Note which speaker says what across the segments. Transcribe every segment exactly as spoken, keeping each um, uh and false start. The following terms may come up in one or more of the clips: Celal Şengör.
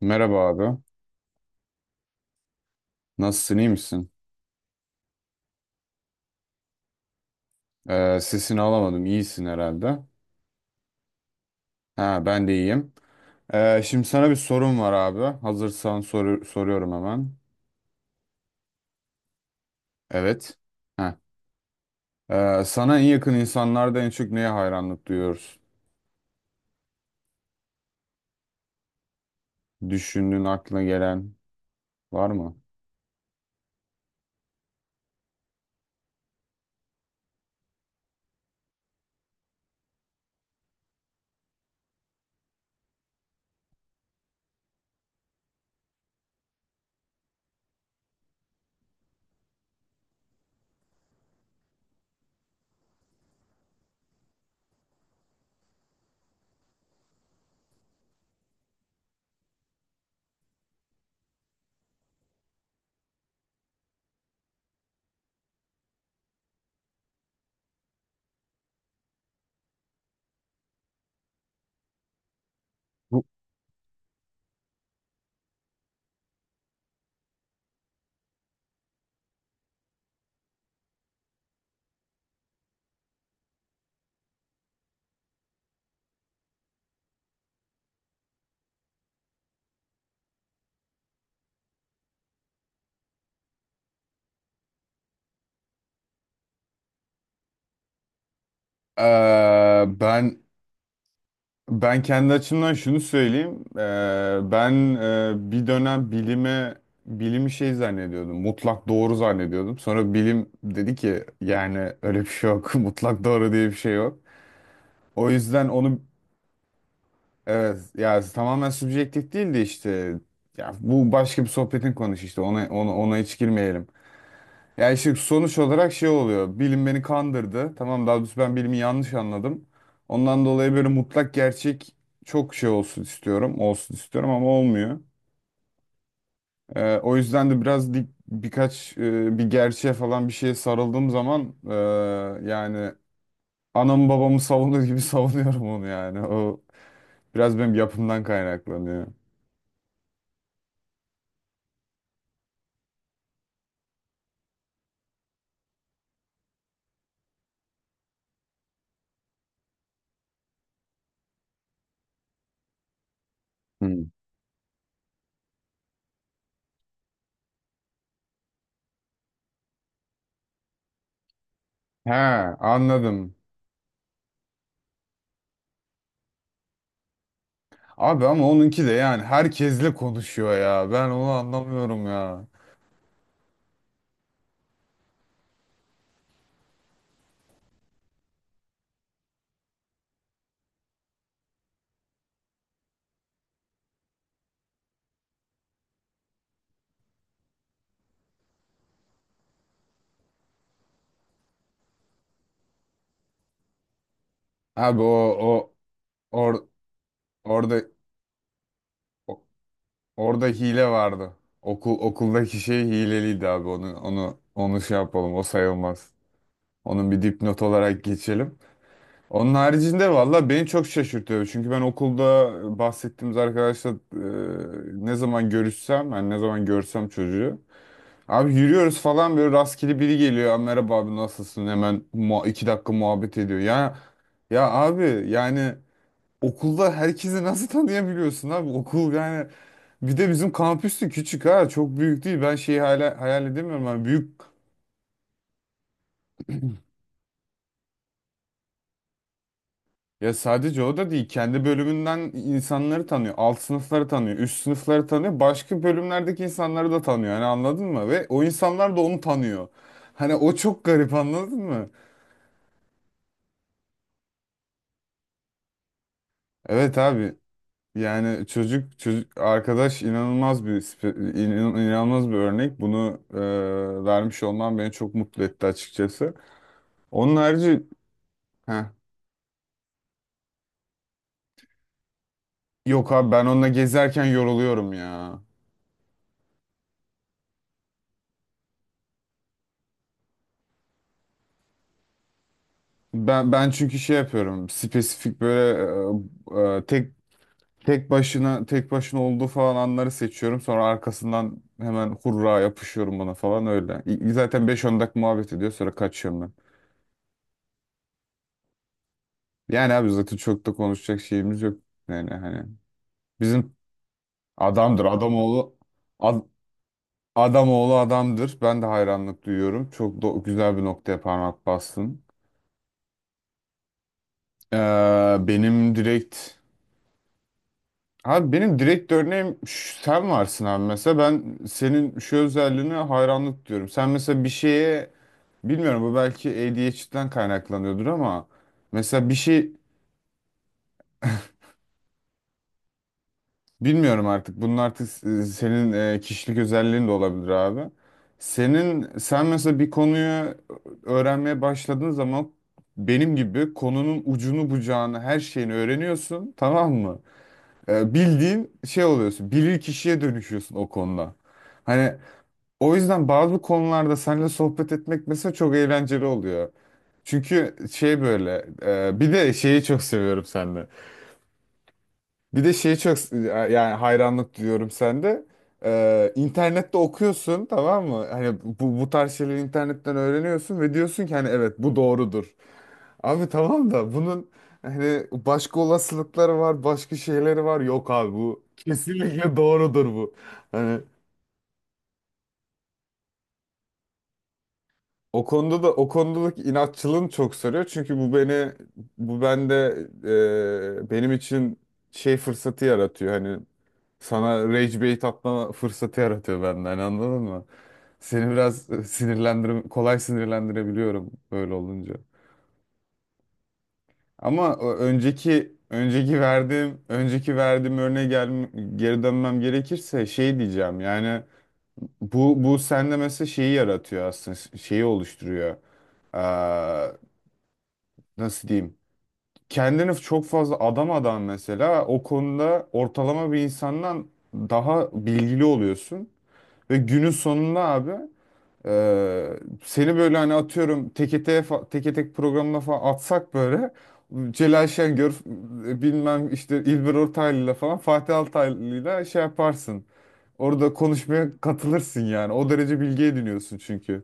Speaker 1: Merhaba abi. Nasılsın, iyi misin? Ee, sesini alamadım. İyisin herhalde. Ha, Ben de iyiyim. Ee, şimdi sana bir sorum var abi. Hazırsan soru soruyorum hemen. Evet. Ha. Ee, sana en yakın insanlarda en çok neye hayranlık duyuyoruz? Düşündüğün aklına gelen var mı? Bu- Ee, ben Ben kendi açımdan şunu söyleyeyim. Ee, ben e, bir dönem bilime bilimi şey zannediyordum. Mutlak doğru zannediyordum. Sonra bilim dedi ki yani öyle bir şey yok. Mutlak doğru diye bir şey yok. O yüzden onu evet ya, tamamen subjektif değil de işte, ya bu başka bir sohbetin konusu, işte ona ona ona hiç girmeyelim. Ya işte sonuç olarak şey oluyor. Bilim beni kandırdı. Tamam, daha doğrusu ben bilimi yanlış anladım. Ondan dolayı böyle mutlak gerçek çok şey olsun istiyorum. Olsun istiyorum ama olmuyor. Ee, o yüzden de biraz dik, birkaç e, bir gerçeğe falan bir şeye sarıldığım zaman e, yani anamı babamı savunur gibi savunuyorum onu yani. O biraz benim yapımdan kaynaklanıyor. Hmm. He, anladım. Abi ama onunki de, yani herkesle konuşuyor ya. Ben onu anlamıyorum ya. Abi o o or, orada o- orada hile vardı. Okul okuldaki şey hileliydi abi. Onu onu onu şey yapalım. O sayılmaz. Onun bir dipnot olarak geçelim. Onun haricinde valla beni çok şaşırtıyor. Çünkü ben okulda bahsettiğimiz arkadaşla e, ne zaman görüşsem, yani ne zaman görsem çocuğu. Abi yürüyoruz falan, böyle rastgele biri geliyor. "Aa, merhaba abi, nasılsın?" Hemen muha- iki dakika muhabbet ediyor. Ya ya abi yani okulda herkesi nasıl tanıyabiliyorsun abi? Okul yani, bir de bizim kampüsü küçük ha, çok büyük değil. Ben şeyi hala hayal edemiyorum. Yani büyük, ya sadece o da değil. Kendi bölümünden insanları tanıyor. Alt sınıfları tanıyor. Üst sınıfları tanıyor. Başka bölümlerdeki insanları da tanıyor. Hani anladın mı? Ve o insanlar da onu tanıyor. Hani o çok garip, anladın mı? Evet abi. Yani çocuk çocuk arkadaş inanılmaz bir spe- inan- inanılmaz bir örnek. Bunu e, vermiş olman beni çok mutlu etti açıkçası. Onun harici Heh. Yok abi, ben onunla gezerken yoruluyorum ya. Ben ben çünkü şey yapıyorum. Spesifik böyle e, e, tek tek başına tek başına olduğu falan anları seçiyorum. Sonra arkasından hemen hurra yapışıyorum bana falan öyle. İ- Zaten beş on dakika muhabbet ediyor, sonra kaçıyorum ben. Yani abi zaten çok da konuşacak şeyimiz yok. Yani hani bizim adamdır adam oğlu, ad, adam oğlu adamdır. Ben de hayranlık duyuyorum. Çok do- güzel bir noktaya parmak bastın. Ee, benim direkt Abi benim direkt örneğim ş- sen varsın abi. Mesela ben senin şu özelliğine hayranlık diyorum. Sen mesela bir şeye, bilmiyorum, bu belki A D H D'den kaynaklanıyordur ama mesela bir şey, bilmiyorum artık, bunun artık s- senin e, kişilik özelliğin de olabilir abi. Senin sen mesela bir konuyu öğrenmeye başladığın zaman benim gibi konunun ucunu bucağını, her şeyini öğreniyorsun, tamam mı? E, bildiğin şey oluyorsun. Bilir kişiye dönüşüyorsun o konuda. Hani o yüzden bazı konularda seninle sohbet etmek mesela çok eğlenceli oluyor. Çünkü şey böyle, e, bir de şeyi çok seviyorum sende. Bir de şeyi çok, yani hayranlık duyuyorum sende. Ee, internette okuyorsun, tamam mı? Hani bu, bu tarz şeyleri internetten öğreniyorsun ve diyorsun ki hani evet bu doğrudur. Abi tamam da bunun hani başka olasılıkları var, başka şeyleri var. Yok abi, bu kesinlikle doğrudur bu. Hani o konuda da, o konudaki inatçılığını çok sarıyor. Çünkü bu beni, bu bende, e, benim için şey fırsatı yaratıyor. Hani sana rage bait atma fırsatı yaratıyor benden, hani anladın mı? Seni biraz sinirlendir kolay sinirlendirebiliyorum böyle olunca. Ama o önceki önceki verdiğim önceki verdiğim örneğe gel, geri dönmem gerekirse şey diyeceğim. Yani bu bu sende mesela şeyi yaratıyor, aslında şeyi oluşturuyor. Nasıl diyeyim, kendini çok fazla adamadan mesela o konuda ortalama bir insandan daha bilgili oluyorsun ve günün sonunda abi, e, seni böyle hani atıyorum tekete teke tek programına falan atsak, böyle Celal Şengör, e, bilmem işte İlber Ortaylı'yla falan, Fatih Altaylı'yla şey yaparsın. Orada konuşmaya katılırsın yani. O derece bilgi ediniyorsun çünkü.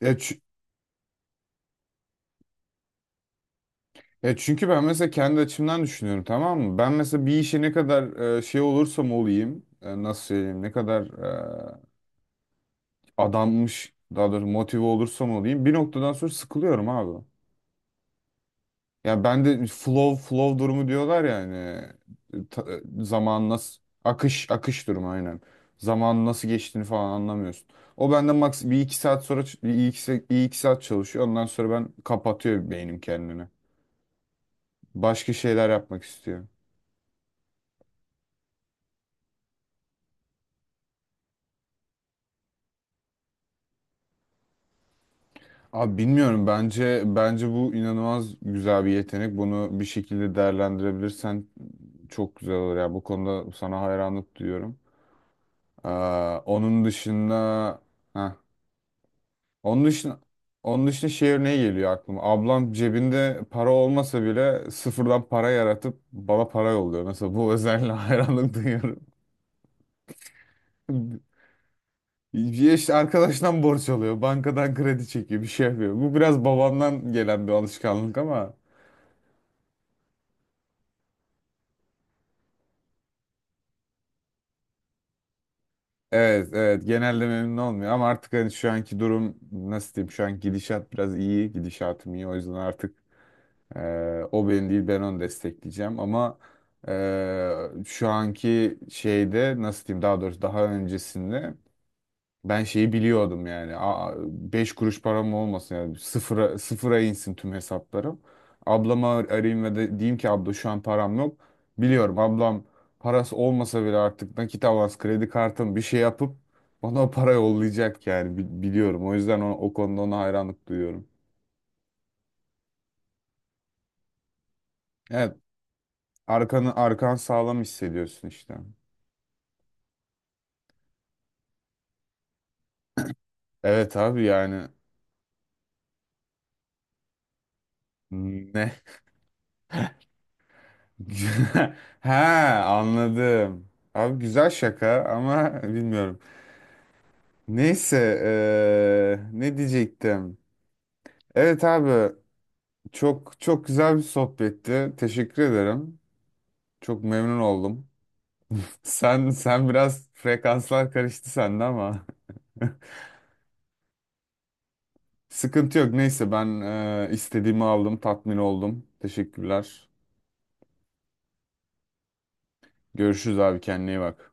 Speaker 1: Ya, çü- Ya çünkü ben mesela kendi açımdan düşünüyorum, tamam mı? Ben mesela bir işe ne kadar e, şey olursam olayım, e, nasıl söyleyeyim, ne kadar e, adanmış, daha doğrusu motive olursam olayım, bir noktadan sonra sıkılıyorum abi. Ya ben de flow flow durumu diyorlar ya hani, e, ta- e, zaman nasıl, akış akış durumu, aynen. Zamanın nasıl geçtiğini falan anlamıyorsun. O benden maks bir iki saat sonra ç- bir iki, bir iki saat çalışıyor. Ondan sonra ben kapatıyor beynim kendini. Başka şeyler yapmak istiyor. Abi bilmiyorum, bence bence bu inanılmaz güzel bir yetenek. Bunu bir şekilde değerlendirebilirsen çok güzel olur ya. Bu konuda sana hayranlık duyuyorum. Ee, onun dışında heh, onun dışında Onun dışında şey örneği geliyor aklıma. Ablam cebinde para olmasa bile sıfırdan para yaratıp bana para yolluyor. Mesela bu özelliğe hayranlık duyuyorum. Bir işte arkadaştan borç alıyor, bankadan kredi çekiyor, bir şey yapıyor. Bu biraz babamdan gelen bir alışkanlık ama evet, evet. Genelde memnun olmuyor ama artık hani şu anki durum, nasıl diyeyim? Şu an gidişat biraz iyi, gidişatım iyi. O yüzden artık e, o benim değil, ben onu destekleyeceğim ama e, şu anki şeyde, nasıl diyeyim? Daha doğrusu daha öncesinde ben şeyi biliyordum yani. Aa, beş kuruş param olmasın yani. Sıfıra, sıfıra insin tüm hesaplarım. Ablama ar- arayayım ve de diyeyim ki abla şu an param yok. Biliyorum, ablam parası olmasa bile artık nakit avans kredi kartım bir şey yapıp bana o para yollayacak yani. Bi- biliyorum. O yüzden o, o konuda ona hayranlık duyuyorum. Evet, arkanı arkan sağlam hissediyorsun işte. Evet abi yani. Ne? Ha, anladım. Abi güzel şaka ama bilmiyorum. Neyse, eee, ne diyecektim? Evet abi, çok çok güzel bir sohbetti. Teşekkür ederim. Çok memnun oldum. Sen sen biraz frekanslar karıştı sende ama sıkıntı yok. Neyse ben eee, istediğimi aldım, tatmin oldum. Teşekkürler. Görüşürüz abi, kendine iyi bak.